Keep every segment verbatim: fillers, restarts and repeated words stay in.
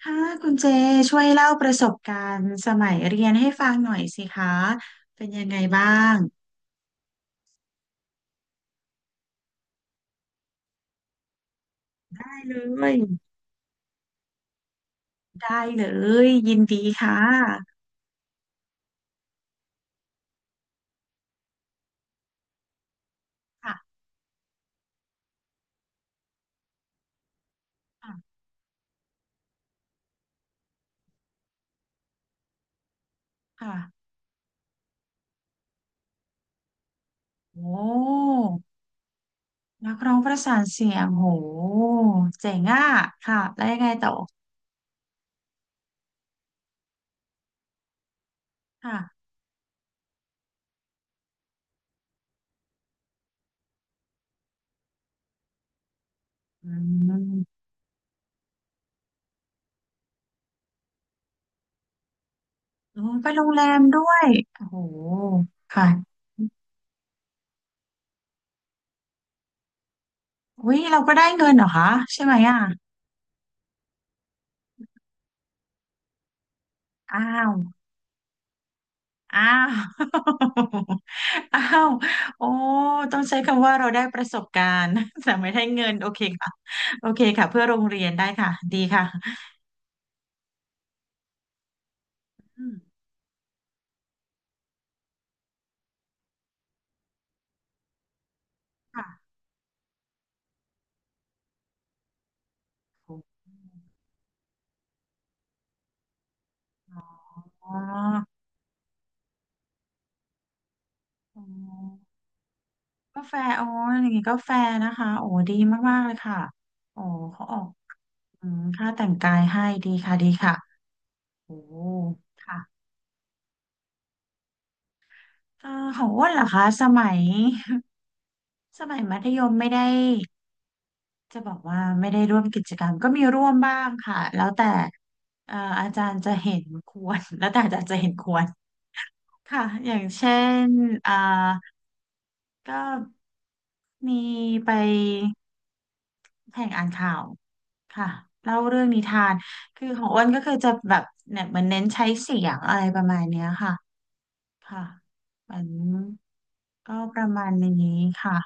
ค่ะคุณเจช่วยเล่าประสบการณ์สมัยเรียนให้ฟังหน่อยสิคะเป็นยังไงบ้างได้เลยได้เลยยินดีค่ะค่ะค่ะค่ะโอ้นักร้องประสานเสียงโหเจ๋งอ่ะค่ะแล้วยังไงต่อค่ะอืมโอ้ไปโรงแรมด้วยโอ้โหค่ะอุ้ยเราก็ได้เงินเหรอคะใช่ไหมอ่ะอ้าว อ้าว อ้าวโอ้ต้องใช้คำว่าเราได้ประสบการณ์ แต่ไม่ได้เงินโอเคค่ะโอเคค่ะเพื่อโรงเรียนได้ค่ะดีค่ะอืมค่ะโอ้อ๋ออ๋อก็แฟร์อ๋ออย่างงี้ก็แฟร์นะคะโอ้ดีมากๆเลยค่ะโอ้เขาออกอืมค่าแต่งกายให้ดีค่ะดีค่ะโอ้ค่ะเอ่อของอ้วนเหรอคะสมัย สมัยมัธยมไม่ได้ จะบอกว่าไม่ได้ร่วมกิจกรรมก็มีร่วมบ้างค่ะแล้วแต่เอ่ออาจารย์จะเห็นควร แล้วแต่อาจารย์จะเห็นควรค่ะอย่างเช่นอ่าก็มีไปแข่งอ่านข่าวค่ะเล่าเรื่องนิทานคือของอ้วนก็คือจะแบบเนี่ยเหมือนเน้นใช้เสียงอะไรประมาณเนี้ยค่ะค่ะเหมือนก็ประมาณนี้ค่ะ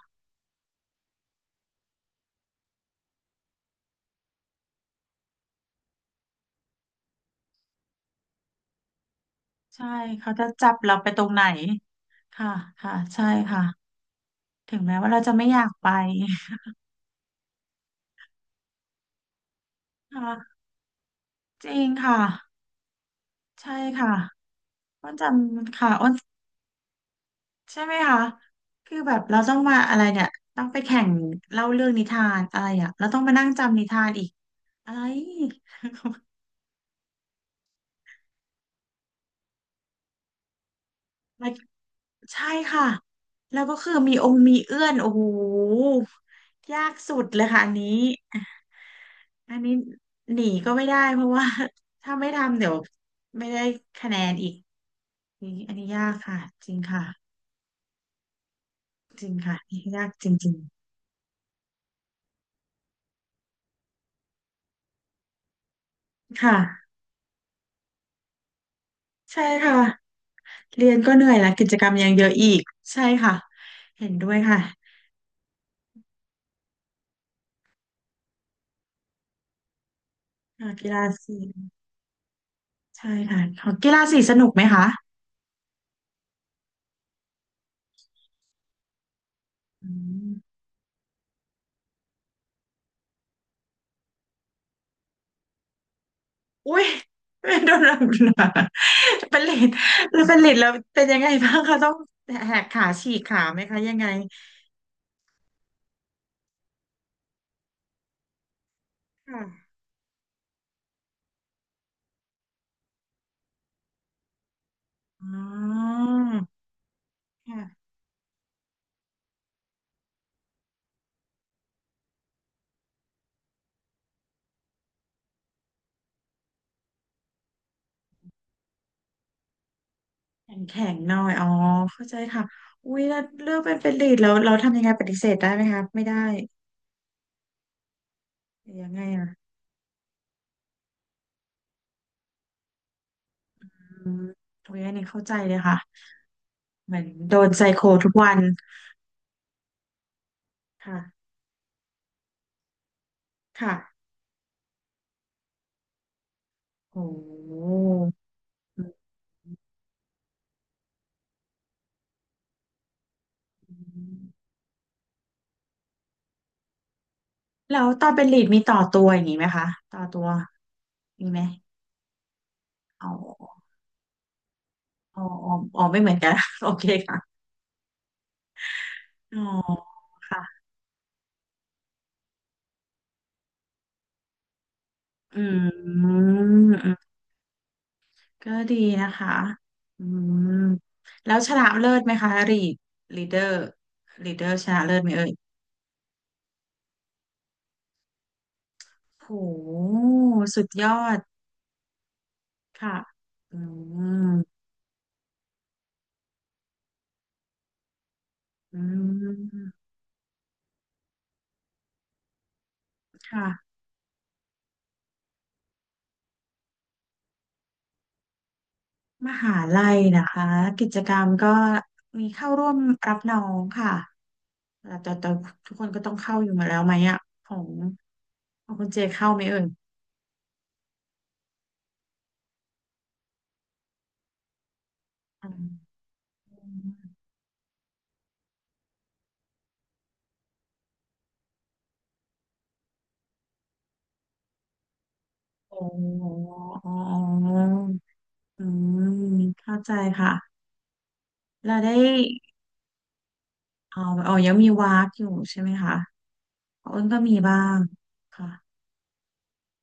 ใช่เขาจะจับเราไปตรงไหนค่ะค่ะใช่ค่ะ ถึงแม้ว่าเราจะไม่อยากไป ค่ะจริงค่ะใช่ค่ะอ้นจำค่ะอ้นใช่ไหมคะคือแบบเราต้องมาอะไรเนี่ยต้องไปแข่งเล่าเรื่องนิทานอะไรอ่ะเราต้องมานั่งจำนิทานอีกอะไร มัน ใช่ค่ะแล้วก็คือมีองค์มีเอื้อนโอ้โหยากสุดเลยค่ะอันนี้อันนี้หนีก็ไม่ได้เพราะว่า ถ้าไม่ทำเดี๋ยวไม่ได้คะแนนอีกนี่อันนี้ยากค่ะจริงค่ะ จริงค่ะยากจริงๆค่ะใช่ค่ะเรียนก็เหนื่อยแล้วกิจกรรมยังเยอะอีกใช่ค่ะเห็นด้วยค่ะอ่ากีฬาสีใช่ค่ะของกีฬาสีสนุกไหมคะอืมอุ้ยโดนรับเป็นเลดแล้วเป็นเลดแล้วเป็นยังไงบ้างคะต้องแหกขาฉีกขาไหมคะยังไงค่ะอ๋อค่ะแข็งแข็งหน่อยอ๋อเข้าใจค่ะอุ้ยแล้วเลือกเป็นเป็นลีดแล้วเราทำยังไงปฏิเสธได้ไหมคะไม่ได้ ยังไงอ่ะอืมโอ้ยอันนี้เข้าใจเลยค่ะเหมือนโดนไซโคทุกวันค่ะค่ะโอ้โหอืมแล้วตอนเป็นลีดมีต่อตัวอย่างนี้ไหมคะต่อตัวมีไหมอ๋ออ๋ออ๋ออ๋อไม่เหมือนกัน โอเคค่ะอ๋อค่ะอืมอืมก็ดีนะคะอืมแล้วชนะเลิศไหมคะลีดลีดเดอร์ลีดเดอร์ชนะเลิศไหมเอ่ยโหสุดยอด ค่ะอืมอืมค่ะ มหาลัยนะคะ กิจกรรมก็มีเข้าร่วมรับน้องค่ะแต่แต่แต่ทุกคนก็ต้องเข้าอยู่มาแล้วไหมอ่ะของของคุณเจเข้าไหมเอ่ยอืมโอ้โหอ๋ออืมเข้าใจค่ะเราได้อ๋ออ๋อยังมีวากอยู่ใช่ไหมคะอ้นก็มีบ้าง ค่ะ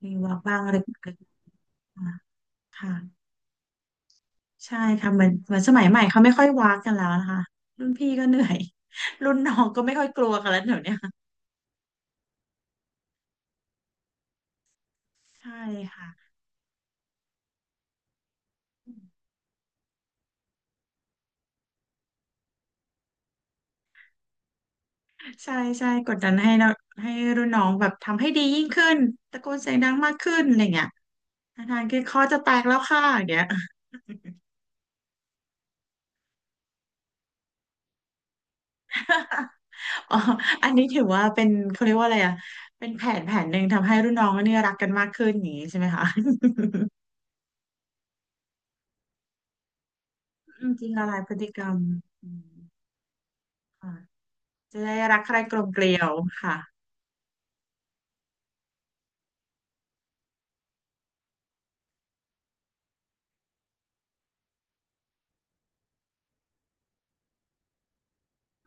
มีวากบ้างเล็กๆค่ะ ใช่ค่ะเหมือนเหมือนสมัยใหม่เขาไม่ค่อยวากกันแล้วนะคะรุ่นพี่ก็เหนื่อย รุ่นน้องก็ไม่ค่อยกลัวกันแล้วเดี๋ยวเนี้ยใช่ค่ะใช่ใช่กดดันให้เราให้รุ่นน้องแบบทำให้ดียิ่งขึ้นตะโกนเสียงดังมากขึ้นอะไรเงี้ยอาจารย์คือคอจะแตกแล้วค่ะอย่างเงี้ย อ๋ออันนี้ถือว่าเป็นเขาเรียกว่าอะไรอ่ะเป็นแผนแผนหนึ่งทำให้รุ่นน้องเนี่ยรักกันมากขึ้นอย่างนี้ใช่ไหมคะ อืมจริงละลายพฤติกรรมอืมค่ะจะได้รักใครกลมเกลียวค่ะ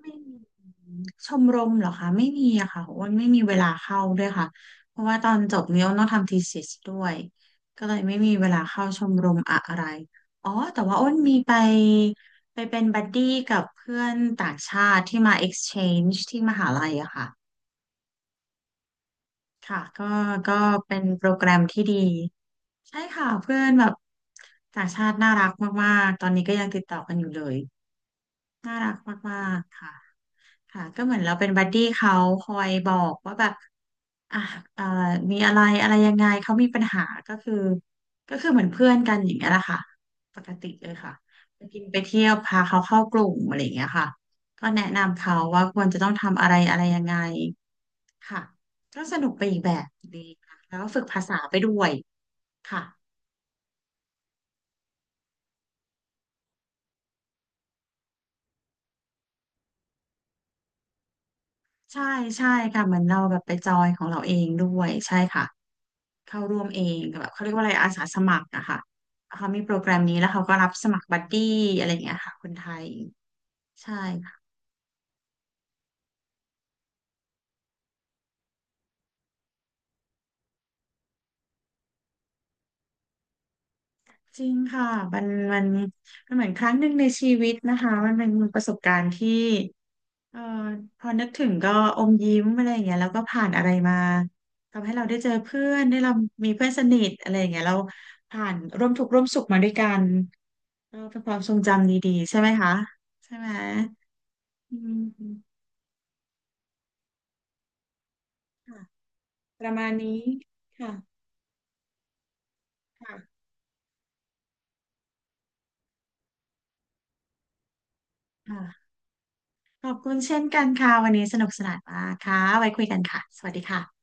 ไม่มีชมรมเหรอคะไม่มีอะค่ะอ้วนไม่มีเวลาเข้าด้วยค่ะเพราะว่าตอนจบเนี่ยอ้วนต้องทำ thesis ด้วยก็เลยไม่มีเวลาเข้าชมรมอะไรอ๋อแต่ว่าอ้วนมีไปไปเป็นบัดดี้กับเพื่อนต่างชาติที่มา exchange ที่มหาลัยอะค่ะค่ะก็ก็เป็นโปรแกรมที่ดีใช่ค่ะเพื่อนแบบต่างชาติน่ารักมากๆตอนนี้ก็ยังติดต่อกันอยู่เลยน่ารักมากๆค่ะ ค่ะก็เหมือนเราเป็นบัดดี้เขาคอยบอกว่าแบบอ่ะเอ่อมีอะไรอะไรยังไงเขามีปัญหาก็คือก็คือเหมือนเพื่อนกันอย่างเงี้ยแหละค่ะปกติเลยค่ะไปกินไปเที่ยวพาเขาเข้ากลุ่มอะไรอย่างเงี้ยค่ะก็แนะนำเขาว่าควรจะต้องทำอะไรอะไรยังไงค่ะก็สนุกไปอีกแบบดีค่ะแล้วก็ฝึกภาษาไปด้วยค่ะใช่ใช่ค่ะเหมือนเราแบบไปจอยของเราเองด้วยใช่ค่ะ เข้าร่วมเองแบบเขาเรียกว่าอะไรอาสาสมัครอะค่ะเขามีโปรแกรมนี้แล้วเขาก็รับสมัครบัดดี้อะไรอย่างเงี้ยค่ะคนไทยใช่ค่ะจริงค่ะมันมันมันเหมือนครั้งหนึ่งในชีวิตนะคะมันเป็นประสบการณ์ที่เอ่อพอนึกถึงก็อมยิ้มอะไรอย่างเงี้ยแล้วก็ผ่านอะไรมาทำให้เราได้เจอเพื่อนได้เรามีเพื่อนสนิทอะไรอย่างเงี้ยเราผ่านร่วมทุกข์ร่วมสุขมาด้วยกันเออเป็นความทรงจำดีๆใช่ไหมคะใช่ไหมอืมค่ะ ประมาณนี้ค่ะค่ะค่ะขอบคุณเช่นกันค่ะวันนี้สนุกสนานมากค่ะไว้คุยกันค่ะสวัสดีค่ะ